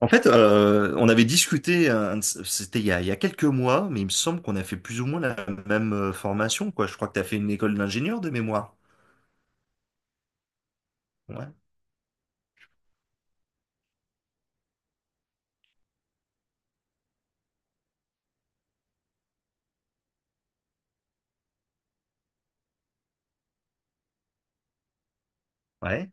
En fait, on avait discuté, c'était il y a quelques mois, mais il me semble qu'on a fait plus ou moins la même formation, quoi. Je crois que tu as fait une école d'ingénieur de mémoire. Ouais. Ouais.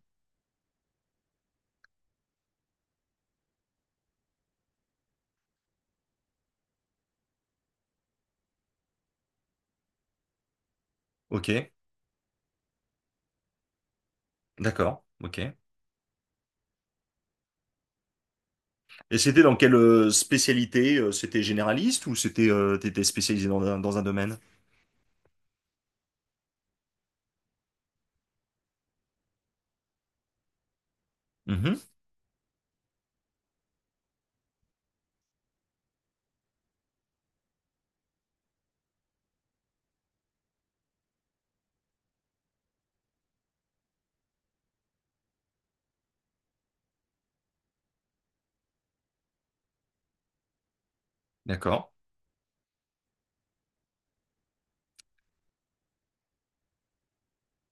Ok. D'accord. Ok. Et c'était dans quelle spécialité? C'était généraliste ou c'était t'étais spécialisé dans un domaine? Mhm. D'accord.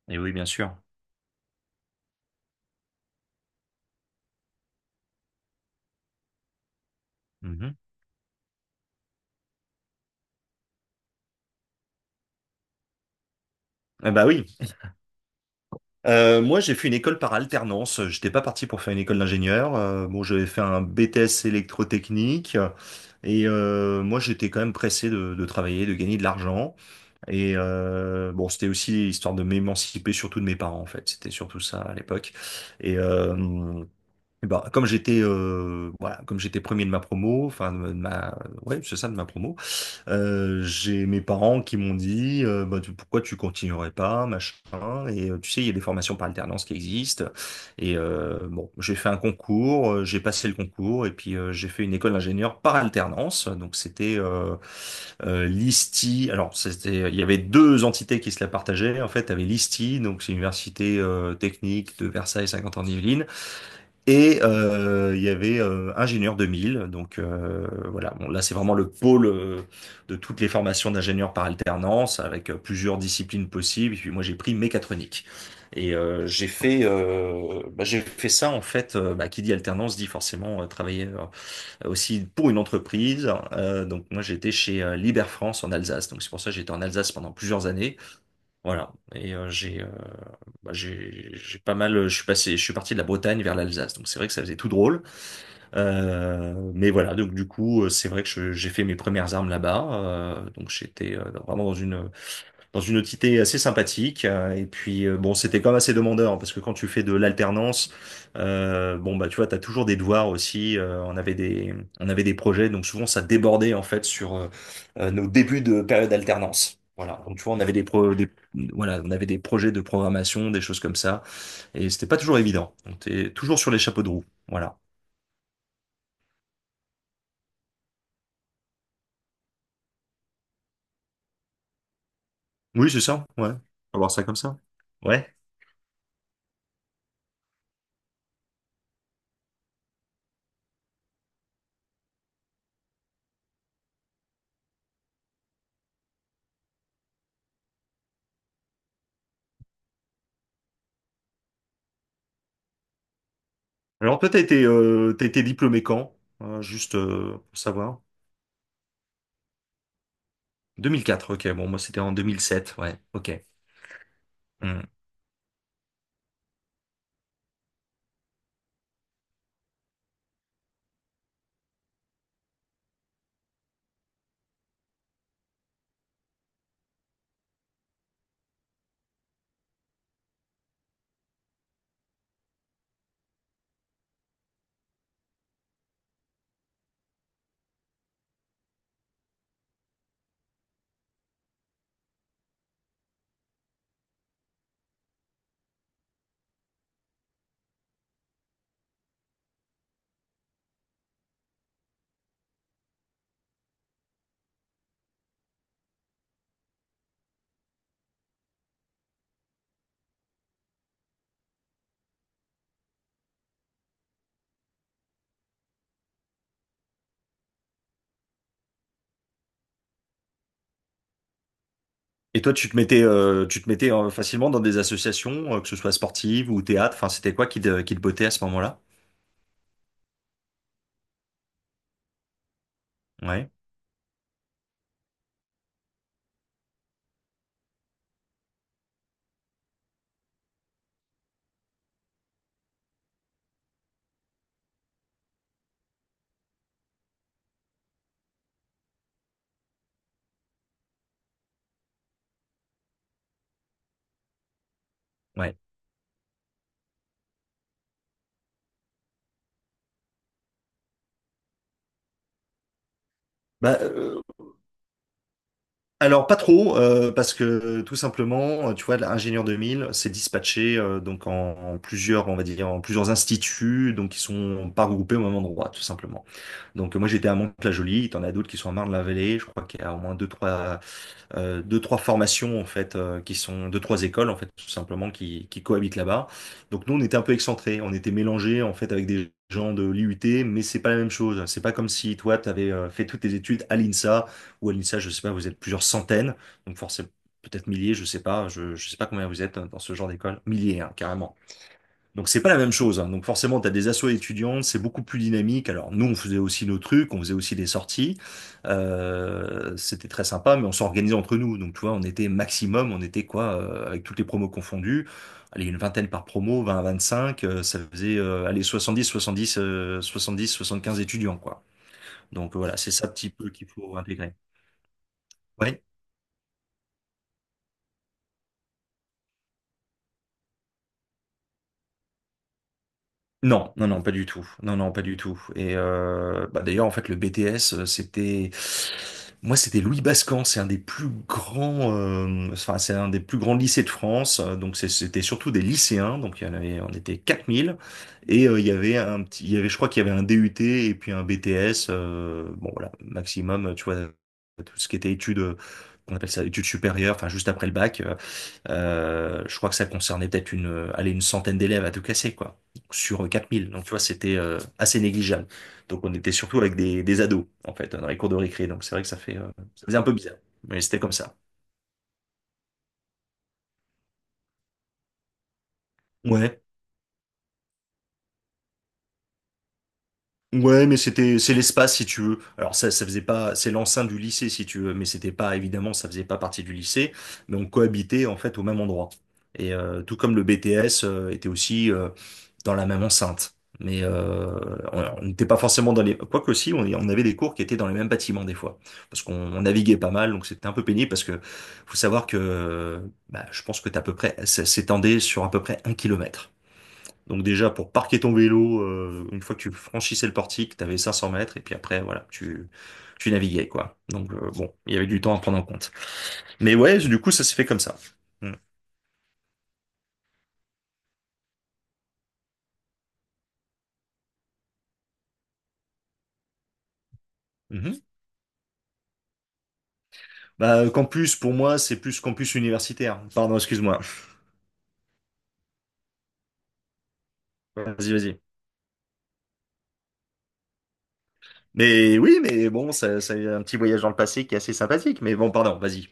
Et oui, bien sûr. Mhm. Ah bah oui. Moi, j'ai fait une école par alternance. J'étais pas parti pour faire une école d'ingénieur. Bon, j'avais fait un BTS électrotechnique. Et moi, j'étais quand même pressé de travailler, de gagner de l'argent. Et bon, c'était aussi histoire de m'émanciper, surtout de mes parents, en fait. C'était surtout ça à l'époque. Et eh ben, comme j'étais voilà, comme j'étais premier de ma promo, enfin de ma, ouais, c'est ça, de ma promo. J'ai mes parents qui m'ont dit bah, pourquoi tu continuerais pas, machin. Et tu sais, il y a des formations par alternance qui existent. Et bon, j'ai fait un concours, j'ai passé le concours, et puis j'ai fait une école d'ingénieur par alternance. Donc c'était l'ISTI. Alors c'était, il y avait deux entités qui se la partageaient. En fait, tu avais l'ISTI, donc c'est l'université technique de Versailles-Saint-Quentin-en-Yvelines. Et il y avait ingénieur 2000, donc voilà. Bon, là c'est vraiment le pôle de toutes les formations d'ingénieurs par alternance, avec plusieurs disciplines possibles. Et puis moi j'ai pris mécatronique. Et j'ai fait, bah, j'ai fait ça en fait. Bah, qui dit alternance dit forcément travailler aussi pour une entreprise. Donc moi j'étais chez Liber France en Alsace. Donc c'est pour ça que j'étais en Alsace pendant plusieurs années. Voilà. Et j'ai bah, j'ai pas mal. Je suis parti de la Bretagne vers l'Alsace. Donc c'est vrai que ça faisait tout drôle. Mais voilà. Donc du coup, c'est vrai que j'ai fait mes premières armes là-bas. Donc j'étais vraiment dans une entité assez sympathique. Et puis, bon, c'était quand même assez demandeur, parce que quand tu fais de l'alternance, bon, bah, tu vois, t'as toujours des devoirs aussi. On avait des projets, donc souvent, ça débordait, en fait, sur nos débuts de période d'alternance. Voilà, donc tu vois, on avait des, pro des- voilà, on avait des projets de programmation, des choses comme ça, et c'était pas toujours évident. On était toujours sur les chapeaux de roue. Voilà. Oui, c'est ça, ouais. On va voir ça comme ça. Ouais. Alors toi, t'as été diplômé quand? Juste pour savoir. 2004, ok. Bon, moi, c'était en 2007, ouais, ok. Hmm. Et toi, tu te mettais facilement dans des associations, que ce soit sportive ou théâtre. Enfin, c'était quoi qui te bottait à ce moment-là? Ouais, ouais. Bah, alors, pas trop, parce que tout simplement, tu vois, l'ingénieur 2000, c'est dispatché donc en plusieurs, on va dire, en plusieurs instituts, donc qui sont pas regroupés au même endroit, tout simplement. Donc, moi, j'étais à Mantes-la-Jolie, t'en as d'autres qui sont à Marne-la-Vallée, je crois qu'il y a au moins deux, trois formations en fait qui sont deux, trois écoles en fait tout simplement qui cohabitent là-bas. Donc nous on était un peu excentrés, on était mélangés en fait avec des gens de l'IUT, mais c'est pas la même chose. C'est pas comme si toi tu avais fait toutes tes études à l'INSA, je sais pas, vous êtes plusieurs centaines, donc forcément peut-être milliers, je sais pas, je sais pas combien vous êtes hein, dans ce genre d'école, milliers hein, carrément. Donc c'est pas la même chose. Hein. Donc forcément, tu as des assos étudiantes, c'est beaucoup plus dynamique. Alors nous, on faisait aussi nos trucs, on faisait aussi des sorties. C'était très sympa, mais on s'organisait entre nous. Donc tu vois, on était maximum, on était quoi, avec toutes les promos confondues, allez, une vingtaine par promo, 20, à cinq ça faisait allez, 70, 70, 70, 75 étudiants, quoi. Donc voilà, c'est ça un petit peu qu'il faut intégrer. Ouais. Non, non, non, pas du tout. Non, non, pas du tout. Et bah d'ailleurs, en fait, le BTS, c'était, moi, c'était Louis Bascan. C'est un des plus grands, enfin, c'est un des plus grands lycées de France. Donc, c'était surtout des lycéens. Donc, il y en avait, on était 4000. Et je crois qu'il y avait un DUT et puis un BTS. Bon, voilà, maximum, tu vois, tout ce qui était études, on appelle ça études supérieures. Enfin, juste après le bac. Je crois que ça concernait peut-être allez, une centaine d'élèves à tout casser, quoi, sur 4000. Donc, tu vois, c'était assez négligeable. Donc, on était surtout avec des ados, en fait, dans les cours de récré. Donc, c'est vrai que ça faisait un peu bizarre. Mais c'était comme ça. Ouais. Ouais, mais c'est l'espace, si tu veux. Alors, ça faisait pas, c'est l'enceinte du lycée, si tu veux. Mais c'était pas, évidemment, ça faisait pas partie du lycée. Mais on cohabitait, en fait, au même endroit. Et tout comme le BTS était aussi dans la même enceinte. Mais on n'était pas forcément dans les... Quoique aussi, on avait des cours qui étaient dans les mêmes bâtiments des fois. Parce qu'on naviguait pas mal, donc c'était un peu pénible parce que faut savoir que bah, je pense que t'as à peu près... Ça s'étendait sur à peu près 1 kilomètre. Donc déjà, pour parquer ton vélo, une fois que tu franchissais le portique, t'avais 500 mètres, et puis après, voilà, tu naviguais, quoi. Donc, bon, il y avait du temps à prendre en compte. Mais ouais, du coup, ça s'est fait comme ça. Mm. Mhm. Bah, campus, pour moi, c'est plus campus universitaire. Pardon, excuse-moi. Ouais, vas-y, vas-y. Mais oui, mais bon, c'est un petit voyage dans le passé qui est assez sympathique. Mais bon, pardon, vas-y.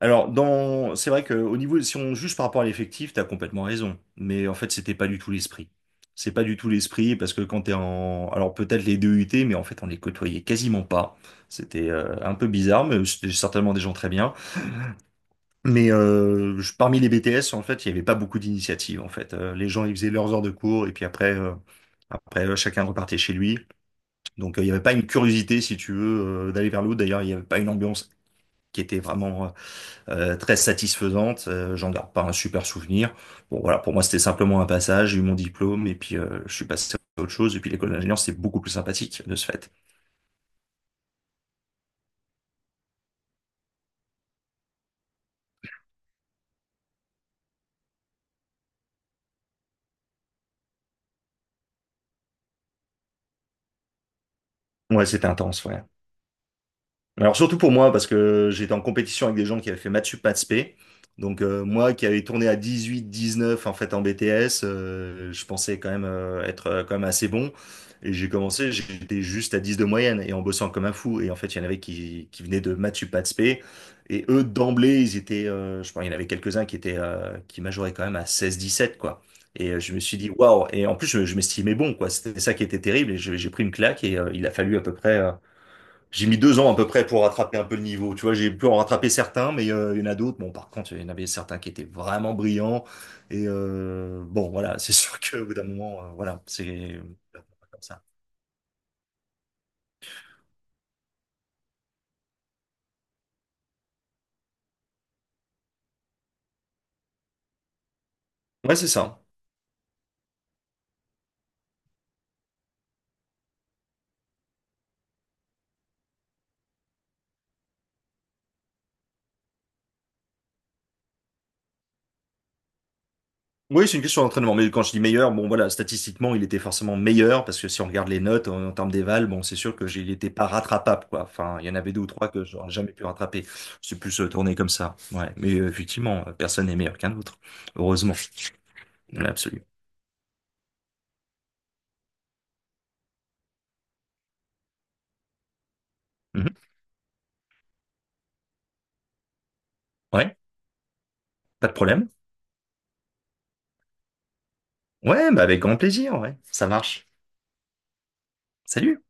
Alors, c'est vrai que au niveau, si on juge par rapport à l'effectif, t'as complètement raison. Mais en fait, c'était pas du tout l'esprit. C'est pas du tout l'esprit parce que quand t'es alors peut-être les deux UT, mais en fait, on les côtoyait quasiment pas. C'était un peu bizarre, mais c'était certainement des gens très bien. Mais parmi les BTS, en fait, il y avait pas beaucoup d'initiatives. En fait, les gens, ils faisaient leurs heures de cours et puis après, chacun repartait chez lui. Donc, il n'y avait pas une curiosité, si tu veux, d'aller vers l'autre. D'ailleurs, il n'y avait pas une ambiance qui était vraiment très satisfaisante. J'en garde pas un super souvenir. Bon, voilà, pour moi, c'était simplement un passage. J'ai eu mon diplôme et puis je suis passé à autre chose. Et puis, l'école d'ingénieur, c'est beaucoup plus sympathique de ce fait. Ouais, c'était intense, ouais. Alors surtout pour moi, parce que j'étais en compétition avec des gens qui avaient fait maths sup, maths spé. Donc moi qui avais tourné à 18, 19 en fait en BTS, je pensais quand même être quand même assez bon. Et j'ai commencé, j'étais juste à 10 de moyenne et en bossant comme un fou. Et en fait, il y en avait qui venaient de maths sup, maths spé. Et eux, d'emblée, ils étaient, je pense, il y en avait quelques-uns qui étaient, qui majoraient quand même à 16, 17, quoi. Et je me suis dit, waouh! Et en plus, je m'estimais bon, quoi. C'était ça qui était terrible. Et j'ai pris une claque et il a fallu à peu près. J'ai mis 2 ans à peu près pour rattraper un peu le niveau. Tu vois, j'ai pu en rattraper certains, mais il y en a d'autres. Bon, par contre, il y en avait certains qui étaient vraiment brillants. Et bon, voilà, c'est sûr qu'au bout d'un moment, voilà, c'est comme ça. Ouais, c'est ça. Oui, c'est une question d'entraînement. Mais quand je dis meilleur, bon, voilà, statistiquement, il était forcément meilleur parce que si on regarde les notes en, termes d'éval, bon, c'est sûr que il n'était pas rattrapable, quoi. Enfin, il y en avait deux ou trois que j'aurais jamais pu rattraper. C'est plus tourné comme ça. Ouais. Mais effectivement, personne n'est meilleur qu'un autre. Heureusement, dans l'absolu. Mhm. Ouais, pas de problème. Ouais, bah avec grand plaisir, ouais. Ça marche. Salut!